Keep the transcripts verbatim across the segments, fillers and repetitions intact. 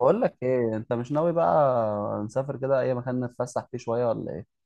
بقول لك ايه؟ انت مش ناوي بقى نسافر كده اي مكان نتفسح فيه شويه ولا ايه؟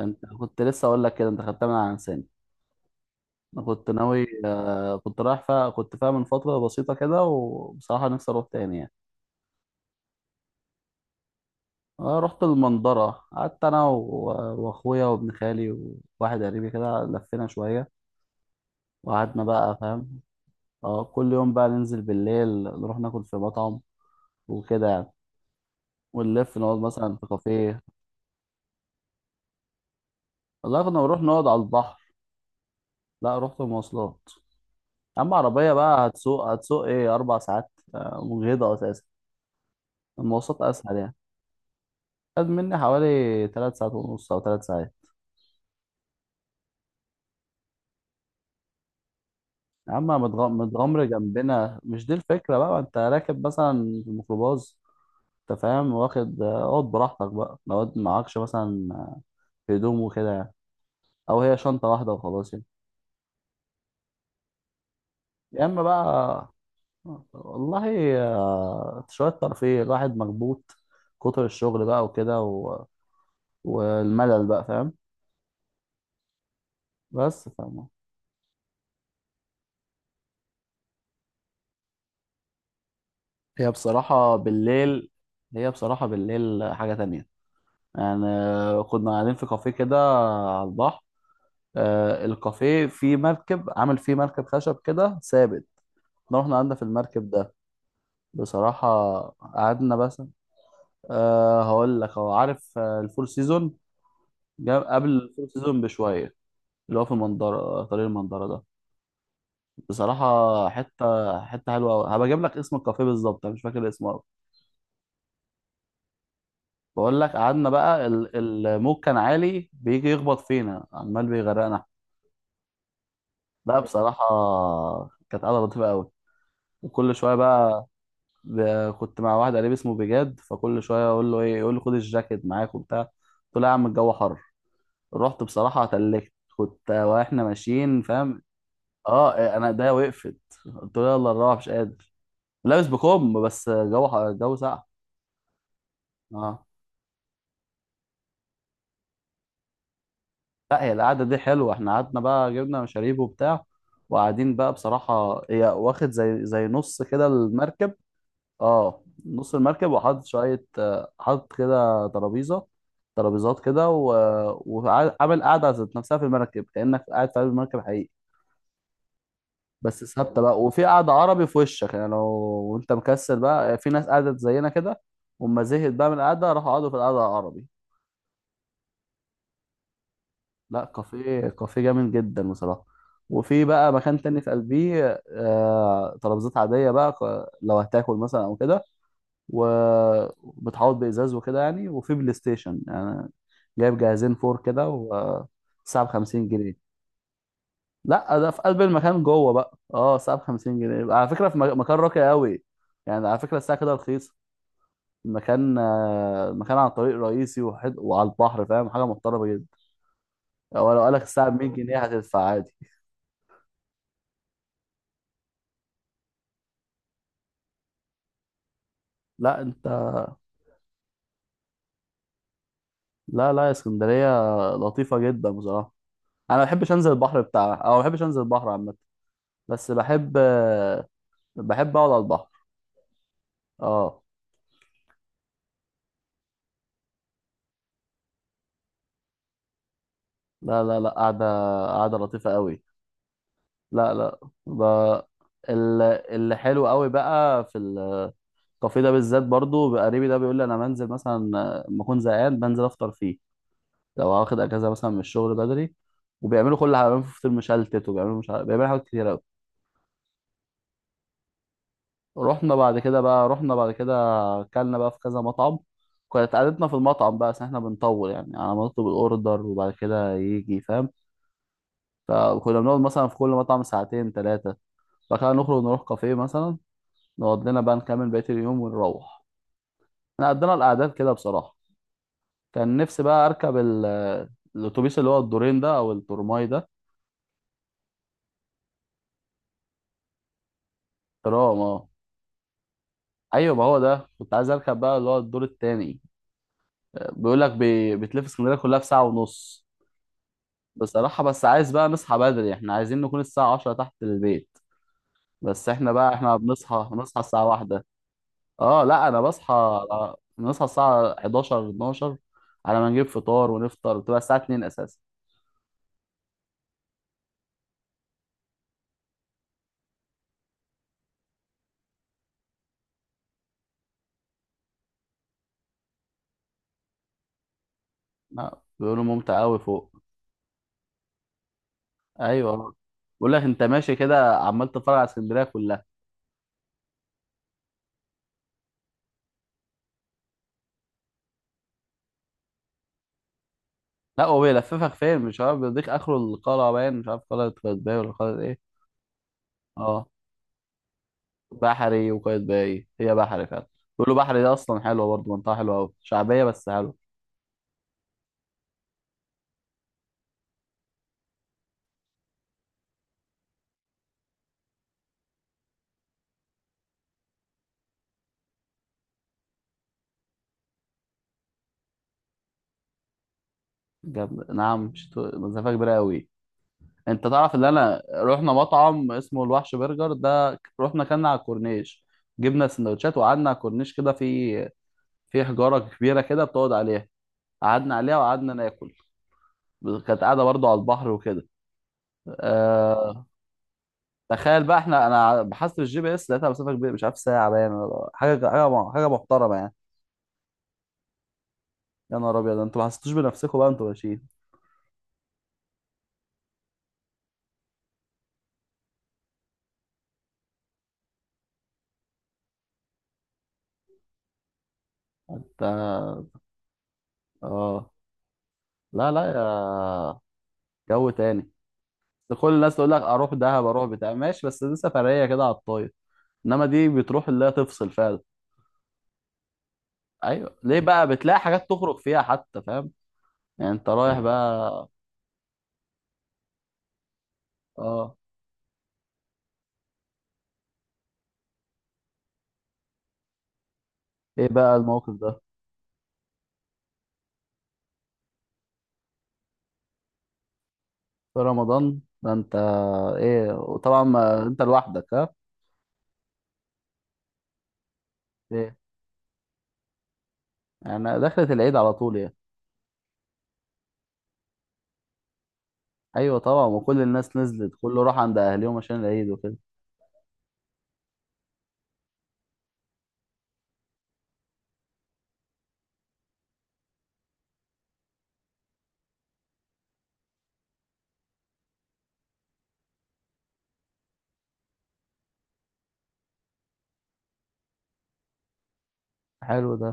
انت كنت لسه اقول لك كده، انت خدتها من على لساني. انا كنت ناوي آه، كنت رايح فيها، كنت فيها من فتره بسيطه كده، وبصراحه نفسي اروح تاني يعني. انا رحت المنظره، قعدت انا و- واخويا وابن خالي وواحد قريبي كده، لفينا شويه وقعدنا بقى فاهم. اه، كل يوم بقى ننزل بالليل، نروح ناكل في مطعم وكده يعني، ونلف نقعد مثلا في كافيه. والله كنا بنروح نقعد على البحر. لا، رحت مواصلات. اما عربيه بقى هتسوق، هتسوق ايه اربع ساعات آه، مجهده اساسا. المواصلات اسهل يعني. خد مني حوالي ثلاث ساعات ونص او ثلاث ساعات. يا عم متغ- متغمر جنبنا، مش دي الفكره بقى؟ ما انت راكب مثلا في الميكروباص، انت فاهم؟ واخد آه، اقعد براحتك بقى، لو معكش مثلا هدوم وكده يعني، او هي شنطه واحده وخلاص يعني. يا اما بقى، والله آه، شويه ترفيه، الواحد مخبوط. كتر الشغل بقى وكده و... والملل بقى، فاهم؟ بس فاهم. هي بصراحة بالليل، هي بصراحة بالليل حاجة تانية يعني. كنا قاعدين في كافيه كده على البحر، آه، الكافيه فيه مركب، عامل فيه مركب خشب كده ثابت. احنا رحنا قعدنا في المركب ده بصراحة، قعدنا بس. أه هقول لك، هو عارف آه، الفور سيزون؟ جا- قبل الفور سيزون بشوية، اللي هو في المنظرة، طريق المنظرة ده. بصراحة حتة حتة حلوة أوي. هبقى أجيب لك اسم الكافيه بالظبط، أنا مش فاكر اسمه أوي. بقول لك، قعدنا بقى ال- الموج كان عالي، بيجي يخبط فينا، عمال بيغرقنا. لا بصراحة، كانت قعدة لطيفة قوي. وكل شوية بقى، ب- كنت مع واحد قريب اسمه بجاد، فكل شوية اقول له ايه، يقول لي خد الجاكيت معاك وبتاع، قلت له يا عم الجو حر. رحت بصراحة اتلكت، كنت واحنا ماشيين فاهم. اه انا ده وقفت، قلت له يلا نروح، مش قادر. لابس بكم بس، جو ح- الجو ساقع. اه. لا، هي القعدة دي حلوة. احنا قعدنا بقى، جبنا مشاريب وبتاع، وقاعدين بقى. بصراحة هي واخد زي زي نص كده المركب. اه، نص المركب، وحاطط شوية آه، حاطط كده ترابيزة، ترابيزات كده و... وعامل قعدة ذات نفسها في المركب، كأنك قاعد في قلب المركب حقيقي. بس ثابتة بقى. وفي قعدة عربي في وشك يعني، لو وانت مكسل بقى، في ناس قعدت زينا كده وما زهقت بقى من القعدة، راحوا قعدوا في القعدة العربي. لا كافيه، كافيه جامد جدا بصراحة. وفي بقى مكان تاني في قلبيه، آه، ترابيزات عادية بقى، ك- لو هتاكل مثلا أو كده، وبتحوط بإزاز وكده يعني. وفي بلاي ستيشن يعني، جايب جهازين فور كده، والساعة بخمسين جنيه. لا، ده في قلب المكان جوه بقى. اه الساعة بخمسين جنيه على فكرة. في مك- مكان راقي قوي يعني، على فكرة الساعة كده رخيصة. المكان آه، مكان على طريق رئيسي وحد... وعلى البحر، فاهم، حاجة محترمة جدا. ولو قالك الساعة ب مية جنيه هتدفع عادي. لا انت، لا لا، يا اسكندرية لطيفة جدا بصراحة. أنا ما بحبش أنزل البحر بتاعها، أو ما بحبش أنزل البحر عامة، بس بحب، بحب أقعد على البحر. أه. لا لا لا، قاعدة، قاعدة لطيفة قوي. لا لا ب... ال- اللي حلو قوي بقى في الكافيه ده بالذات، برضو قريبي ده بيقول لي أنا بنزل مثلا لما أكون زهقان، بنزل أفطر فيه، لو واخد أجازة مثلا من الشغل بدري. وبيعملوا كل حاجة، بيعملوا فطير مشلتت، وبيعملوا مش عارف، بيعملوا حاجات كتير. رحنا بعد كده بقى رحنا بعد كده اكلنا بقى في كذا مطعم، كانت قعدتنا في المطعم بقى عشان احنا بنطول يعني على ما نطلب الاوردر وبعد كده يجي، فاهم؟ فكنا بنقعد مثلا في كل مطعم ساعتين ثلاثة، بعد كده نخرج نروح كافيه مثلا، نقعد لنا بقى نكمل بقية اليوم ونروح. احنا قضينا الأعداد كده بصراحة. كان نفسي بقى أركب ال- الأتوبيس، اللي هو الدورين ده، أو الترماي ده. ترام اه. أيوة، ما هو ده كنت عايز أركب بقى، اللي هو الدور التاني. بيقول لك بي... بتلف اسكندرية كلها في ساعة ونص. بصراحة، بس عايز بقى نصحى بدري، احنا عايزين نكون الساعة عشرة تحت البيت. بس احنا بقى، احنا بنصحى بنصحى الساعة واحدة. اه لا، انا بصحى آه، بنصحى الساعة حداشر اتناشر، على ما نجيب فطار ونفطر بتبقى الساعة اتنين اساسا. لا بيقولوا ممتع قوي فوق. ايوه، بقول لك انت ماشي كده عمال تتفرج على اسكندرية كلها. لا هو بيلففك فين مش عارف، بيديك اخره القلعة باين، مش عارف قلعة قايتباي ولا قلعة ايه. اه، بحري وقايتباي، هي بحري فعلا. بيقولوا بحري ده اصلا حلوة برضه، منطقة حلوة قوي، شعبية بس حلوة. جاب نعم شتو... مسافة كبيرة أوي. أنت تعرف إن أنا رحنا مطعم اسمه الوحش برجر ده؟ رحنا كنا على الكورنيش، جبنا سندوتشات وقعدنا على الكورنيش كده في، في حجارة كبيرة كده بتقعد عليها، قعدنا عليها وقعدنا ناكل. كانت قاعدة برضو على البحر وكده. أه... تخيل بقى احنا، أنا بحثت في الجي بي إس لقيتها مسافة كبيرة، مش عارف ساعة باين ولا- حاجة، حاجة م- حاجة محترمة يعني. يا نهار أبيض، أنتوا ما حسيتوش بنفسكم بقى أنتوا ماشيين؟ ده- آه. لا لا، يا جو تاني. كل الناس تقول لك اروح دهب، اروح بتاع، ماشي، بس دي سفريه كده على الطاير. انما دي بتروح اللي هي تفصل فعلا. ايوه، ليه بقى، بتلاقي حاجات تخرج فيها حتى، فاهم؟ يعني انت رايح مم. بقى. اه. ايه بقى الموقف ده؟ في رمضان؟ ده انت. ايه، وطبعا ما انت لوحدك ها. ايه يعني، دخلت العيد على طول يعني؟ ايوه طبعا، وكل الناس نزلت، كله راح عند اهليهم عشان العيد وكده. حلو ده.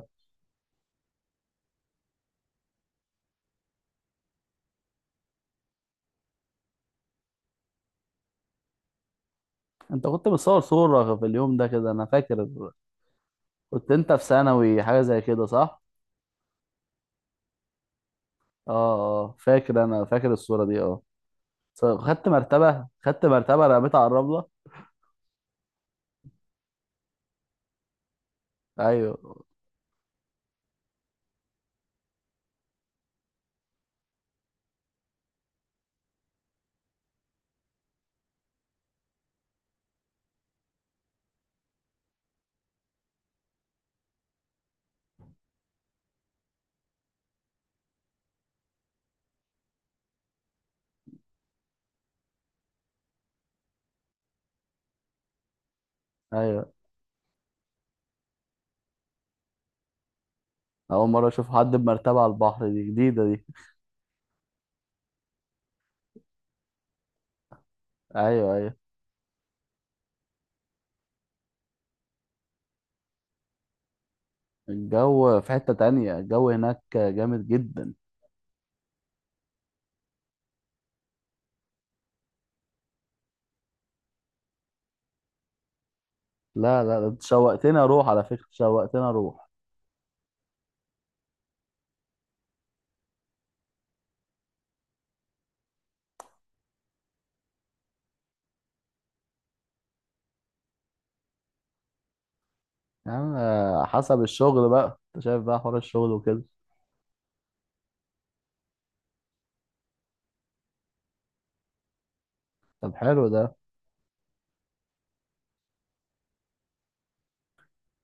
انت كنت بتصور صورة في اليوم ده كده، انا فاكر. كنت انت في ثانوي حاجة زي كده صح؟ اه. اه فاكر، انا فاكر الصورة دي اه. س- خدت مرتبة، خدت مرتبة رميتها على الرملة. ايوه ايوه. اول مرة اشوف حد بمرتبة على البحر، دي جديدة دي. ايوه ايوه. الجو في حتة تانية، الجو هناك جامد جدا. لا لا، ده انت شوقتني اروح على فكرة، شوقتني اروح. يا عم آه، حسب الشغل بقى، انت شايف بقى حوار الشغل وكده. طب حلو ده.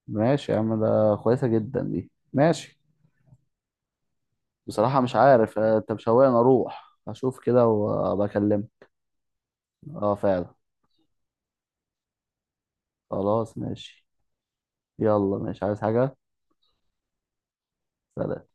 ماشي يا عم، ده كويسة جدا دي، ماشي. بصراحة مش عارف آه، انت مشوقني اروح اشوف كده وبكلمك. اه فعلا. خلاص ماشي. يلا ماشي، عايز حاجة؟ سلام.